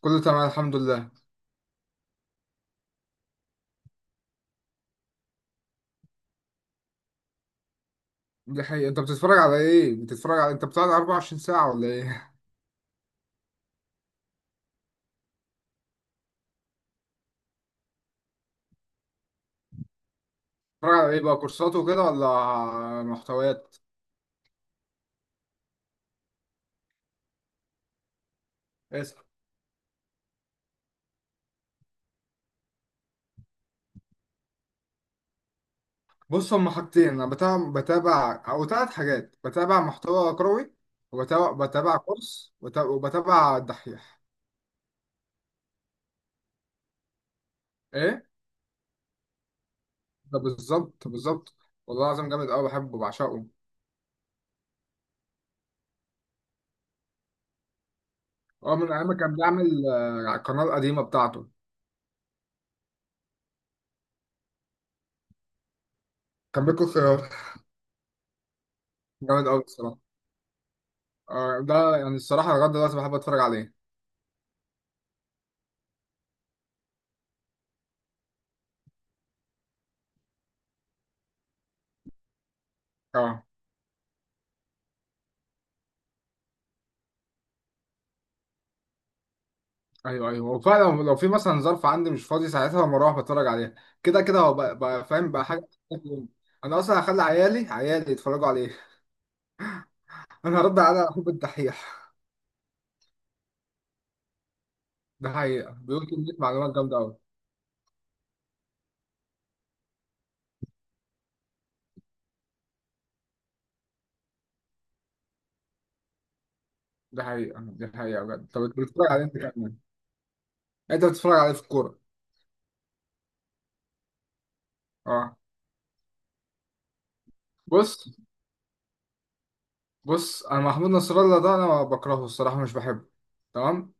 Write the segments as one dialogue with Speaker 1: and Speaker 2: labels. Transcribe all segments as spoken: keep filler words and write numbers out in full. Speaker 1: كله تمام، الحمد لله. دي حقيقة، انت بتتفرج على ايه؟ بتتفرج على انت بتاع 24 ساعة ولا ايه؟ بتتفرج على ايه بقى، كورسات وكده ولا محتويات؟ اسأل. بص، هما حاجتين. انا بتابع بتابع او ثلاث حاجات، بتابع محتوى كروي، وبتابع بتابع كورس، وبت- وبتابع الدحيح. ايه. ده بالظبط، بالظبط. والله العظيم جامد قوي، بحبه، بعشقه. هو من ايام ما كان بيعمل آه، على القناة القديمة بتاعته. كان بيكون خيار. جامد قوي الصراحة. آه، ده يعني الصراحة لغاية دلوقتي بحب اتفرج عليه. اه. ايوه، ايوه، وفعلا لو في مثلا ظرف عندي مش فاضي ساعتها بروح بتفرج عليها. كده كده هو بقى, بقى فاهم بقى حاجه انا اصلا هخلي عيالي عيالي يتفرجوا عليه انا هرد على حب الدحيح. ده حقيقه، بيقول كميه معلومات جامده قوي. ده حقيقه ده حقيقه بجد. طب انت بتتفرج عليه انت كمان؟ انت بتتفرج عليه في الكوره؟ اه. بص، بص، انا محمود نصر الله ده انا بكرهه الصراحه، مش بحبه. تمام.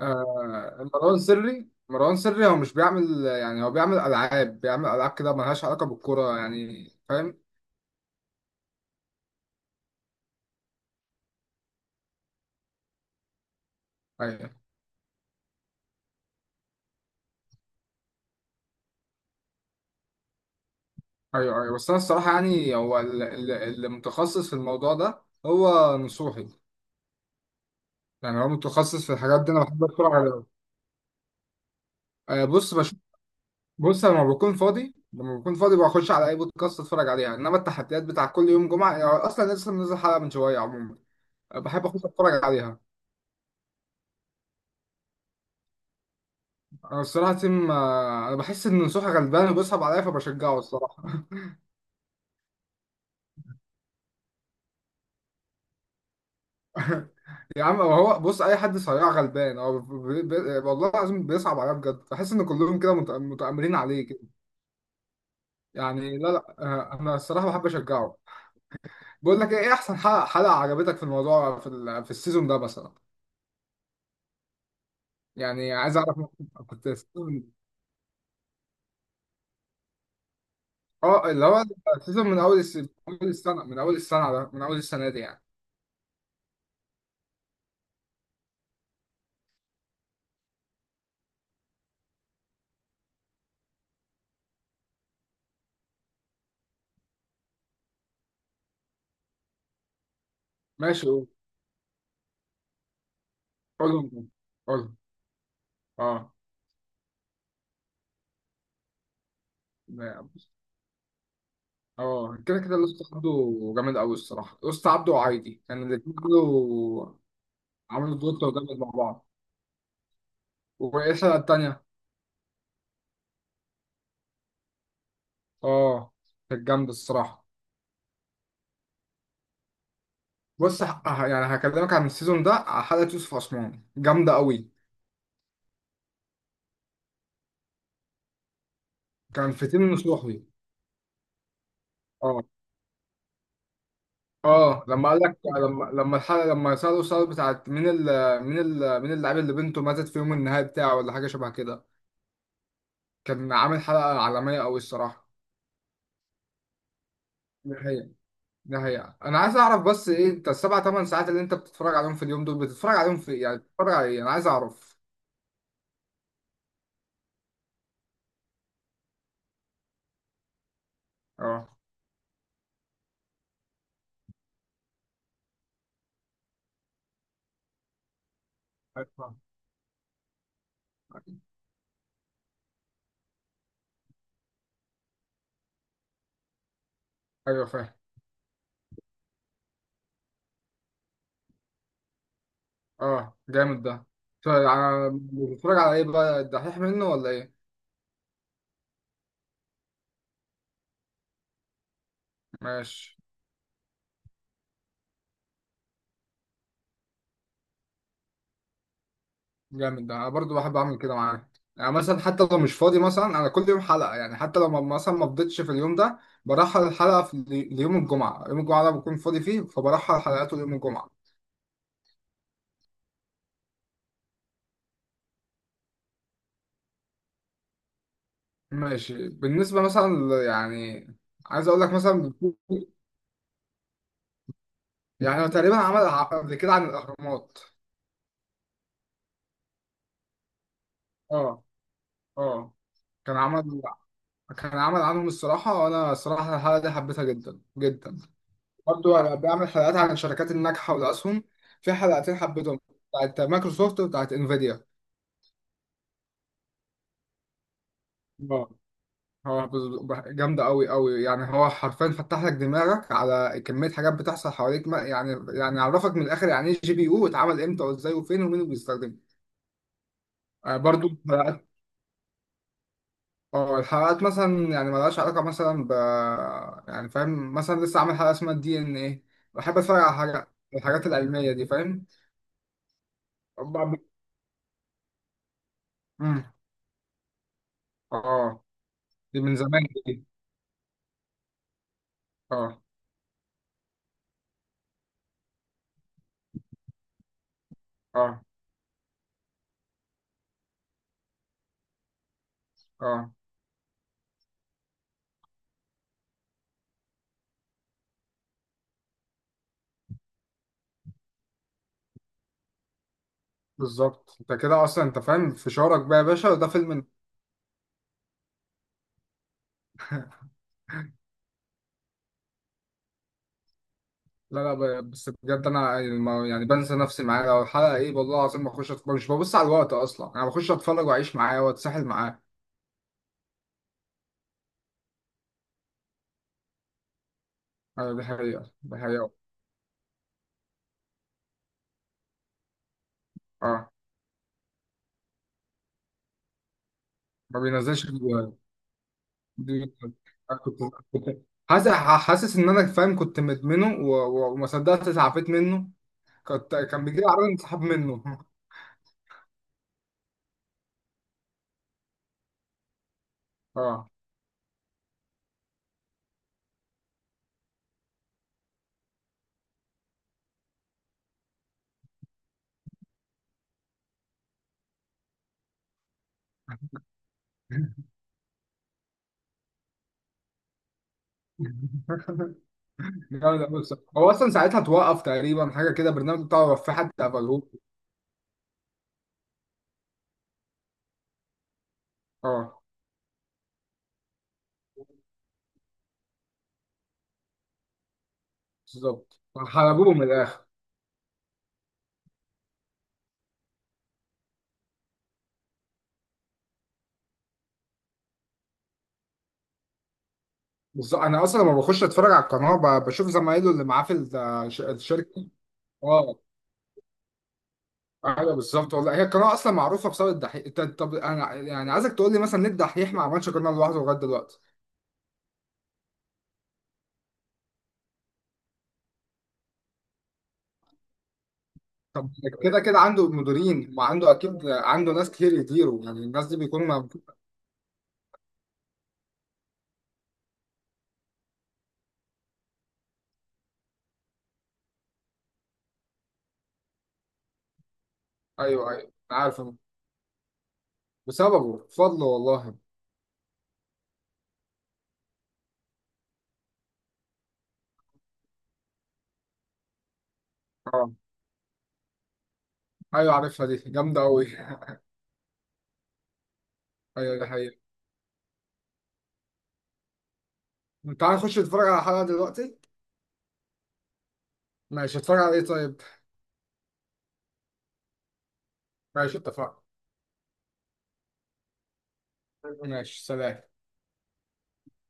Speaker 1: آه مروان سري مروان سري، هو مش بيعمل، يعني هو بيعمل العاب بيعمل العاب كده، ملهاش علاقه بالكوره، يعني فاهم؟ ايوه، ايوه، ايوه، بس انا الصراحه، يعني هو ال- ال- اللي متخصص في الموضوع ده هو نصوحي. يعني هو متخصص في الحاجات دي، انا بحب اتفرج عليه. آه، بص، بش... بص لما بكون فاضي لما بكون فاضي بخش على اي بودكاست اتفرج عليها، انما التحديات بتاع كل يوم جمعه، يعني اصلا لسه منزل حلقه من شويه، عموما. آه، بحب اخش اتفرج عليها. انا الصراحه تيم، آه، انا بحس ان نصوحي غلبان وبيصعب عليا فبشجعه الصراحه يا عم، هو بص، اي حد صياع غلبان، هو بي- بي- والله العظيم بيصعب عليا بجد، بحس ان كلهم كده مت- متآمرين عليه كده. يعني، لا، لا، آه، انا الصراحه بحب اشجعه. بقول لك ايه، إيه احسن حلقه حلقه عجبتك في الموضوع، في ال- في السيزون ده مثلا؟ يعني عايز اعرف، ممكن كنت السيزون. اه، اللي هو السيزون من اول الس- من اول السنه من اول السنه ده من اول السنه دي يعني. ماشي، قول. قولهم، قولهم. اه. اه، كده كده الوسط عبده، جامد قوي الصراحه، الوسط عبده وعايدي كان الاثنين دول. عملوا دوت وجابت مع بعض. واسأل التانية. اه، كانت جامدة الصراحة. بص، ه- ه- يعني هكلمك عن السيزون ده، على حلقة يوسف عثمان جامدة قوي. كان فتين نصوحي. اه، اه، لما قال لك لما لما الحلقة لما سألوا السؤال بتاعت مين ال مين ال مين اللاعب اللي بنته ماتت في يوم النهاية بتاعه ولا حاجة شبه كده. كان عامل حلقة عالمية قوي الصراحة. ده هي ده هي انا عايز اعرف، بس ايه انت السبع ثمان ساعات اللي انت بتتفرج عليهم في اليوم دول، بتتفرج عليهم في إيه؟ يعني بتتفرج على ايه؟ انا عايز اعرف. اه. أيوة. ايوه، فاهم. اه، جامد ده. طيب، ع- بتتفرج على ايه بقى، الدحيح منه ولا ايه؟ ماشي. جامد ده، انا برضو بحب اعمل كده معاك. يعني مثلا حتى لو مش فاضي، مثلا انا كل يوم حلقه، يعني حتى لو ما- مثلا ما فضيتش في اليوم ده برحل الحلقه في ال- ليوم الجمعه، يوم الجمعه ده بكون فاضي فيه، فبرحل حلقاته ليوم الجمعه. ماشي، بالنسبه مثلا ل- يعني عايز اقول لك مثلا، يعني هو تقريبا عمل ع- قبل كده عن الاهرامات. اه. اه. كان عمل كان عمل عنهم الصراحة، وأنا الصراحة الحلقة دي حبيتها جدا جدا. برضو أنا بعمل حلقات عن الشركات الناجحة والأسهم، في حلقتين حبيتهم، بتاعت مايكروسوفت وبتاعت انفيديا. اه. هو بز- بح- جامدة أوي أوي، يعني هو حرفيا فتح لك دماغك على كمية حاجات بتحصل حواليك، ما يعني يعني عرفك من الآخر، يعني إيه جي بي يو واتعمل إمتى وإزاي وفين ومين اللي بيستخدمه. آه، برضو. اه، الحلقات مثلا يعني ملهاش علاقة مثلا ب يعني فاهم، مثلا لسه عامل حلقة اسمها الدي ان ايه، بحب اتفرج على حاجة، الحاجات العلمية دي فاهم. بعض- مم. اه. دي من زمان دي. اه، اه، اه، بالظبط انت كده اصلا انت فاهم في شعورك بقى، يا باشا ده فيلم. لا، لا، ب- بس بجد انا الم- يعني بنسى نفسي معاه، لو الحلقة ايه والله العظيم بخش اتفرج، مش ببص على الوقت اصلا، انا بخش اتفرج واعيش معاه واتسحل معاه. ايوه، دي حقيقة دي حقيقة. اه، ما بينزلش. دي كنت كنت حاسس حاسس ان انا فاهم، كنت مدمنه و- و- وما صدقت اتعافيت منه. كنت كان بيجي لي عربيه انسحاب منه اه، جامد أوي الصراحة. هو اصلا ساعتها اتوقف تقريبا حاجه كده، البرنامج بتاعه وقف، في حد قفلوه. اه. بالظبط. حلبوه من الاخر. بالظبط، انا اصلا لما بخش اتفرج على القناه ب- بشوف زمايله اللي معاه في الت- الش- الشركه. اه، ايوه، بالظبط والله، هي القناه اصلا معروفه بسبب الدحيح. ط- طب انا يعني عايزك تقول لي، مثلا ليه الدحيح ما عملش قناه لوحده لغايه دلوقتي؟ طب، كده كده عنده مديرين، وعنده اكيد عنده ناس كتير يديروا، يعني الناس دي بيكونوا ما... ايوه، ايوه، أنا عارف، أنا. بسببه بفضله والله. اه، ايوه، عارفها دي جامده قوي. ايوه، دي حقيقه. تعال نخش نتفرج على حلقه دلوقتي. ماشي، اتفرج على ايه طيب؟ ماشي، اتفقنا. ماشي، سلام.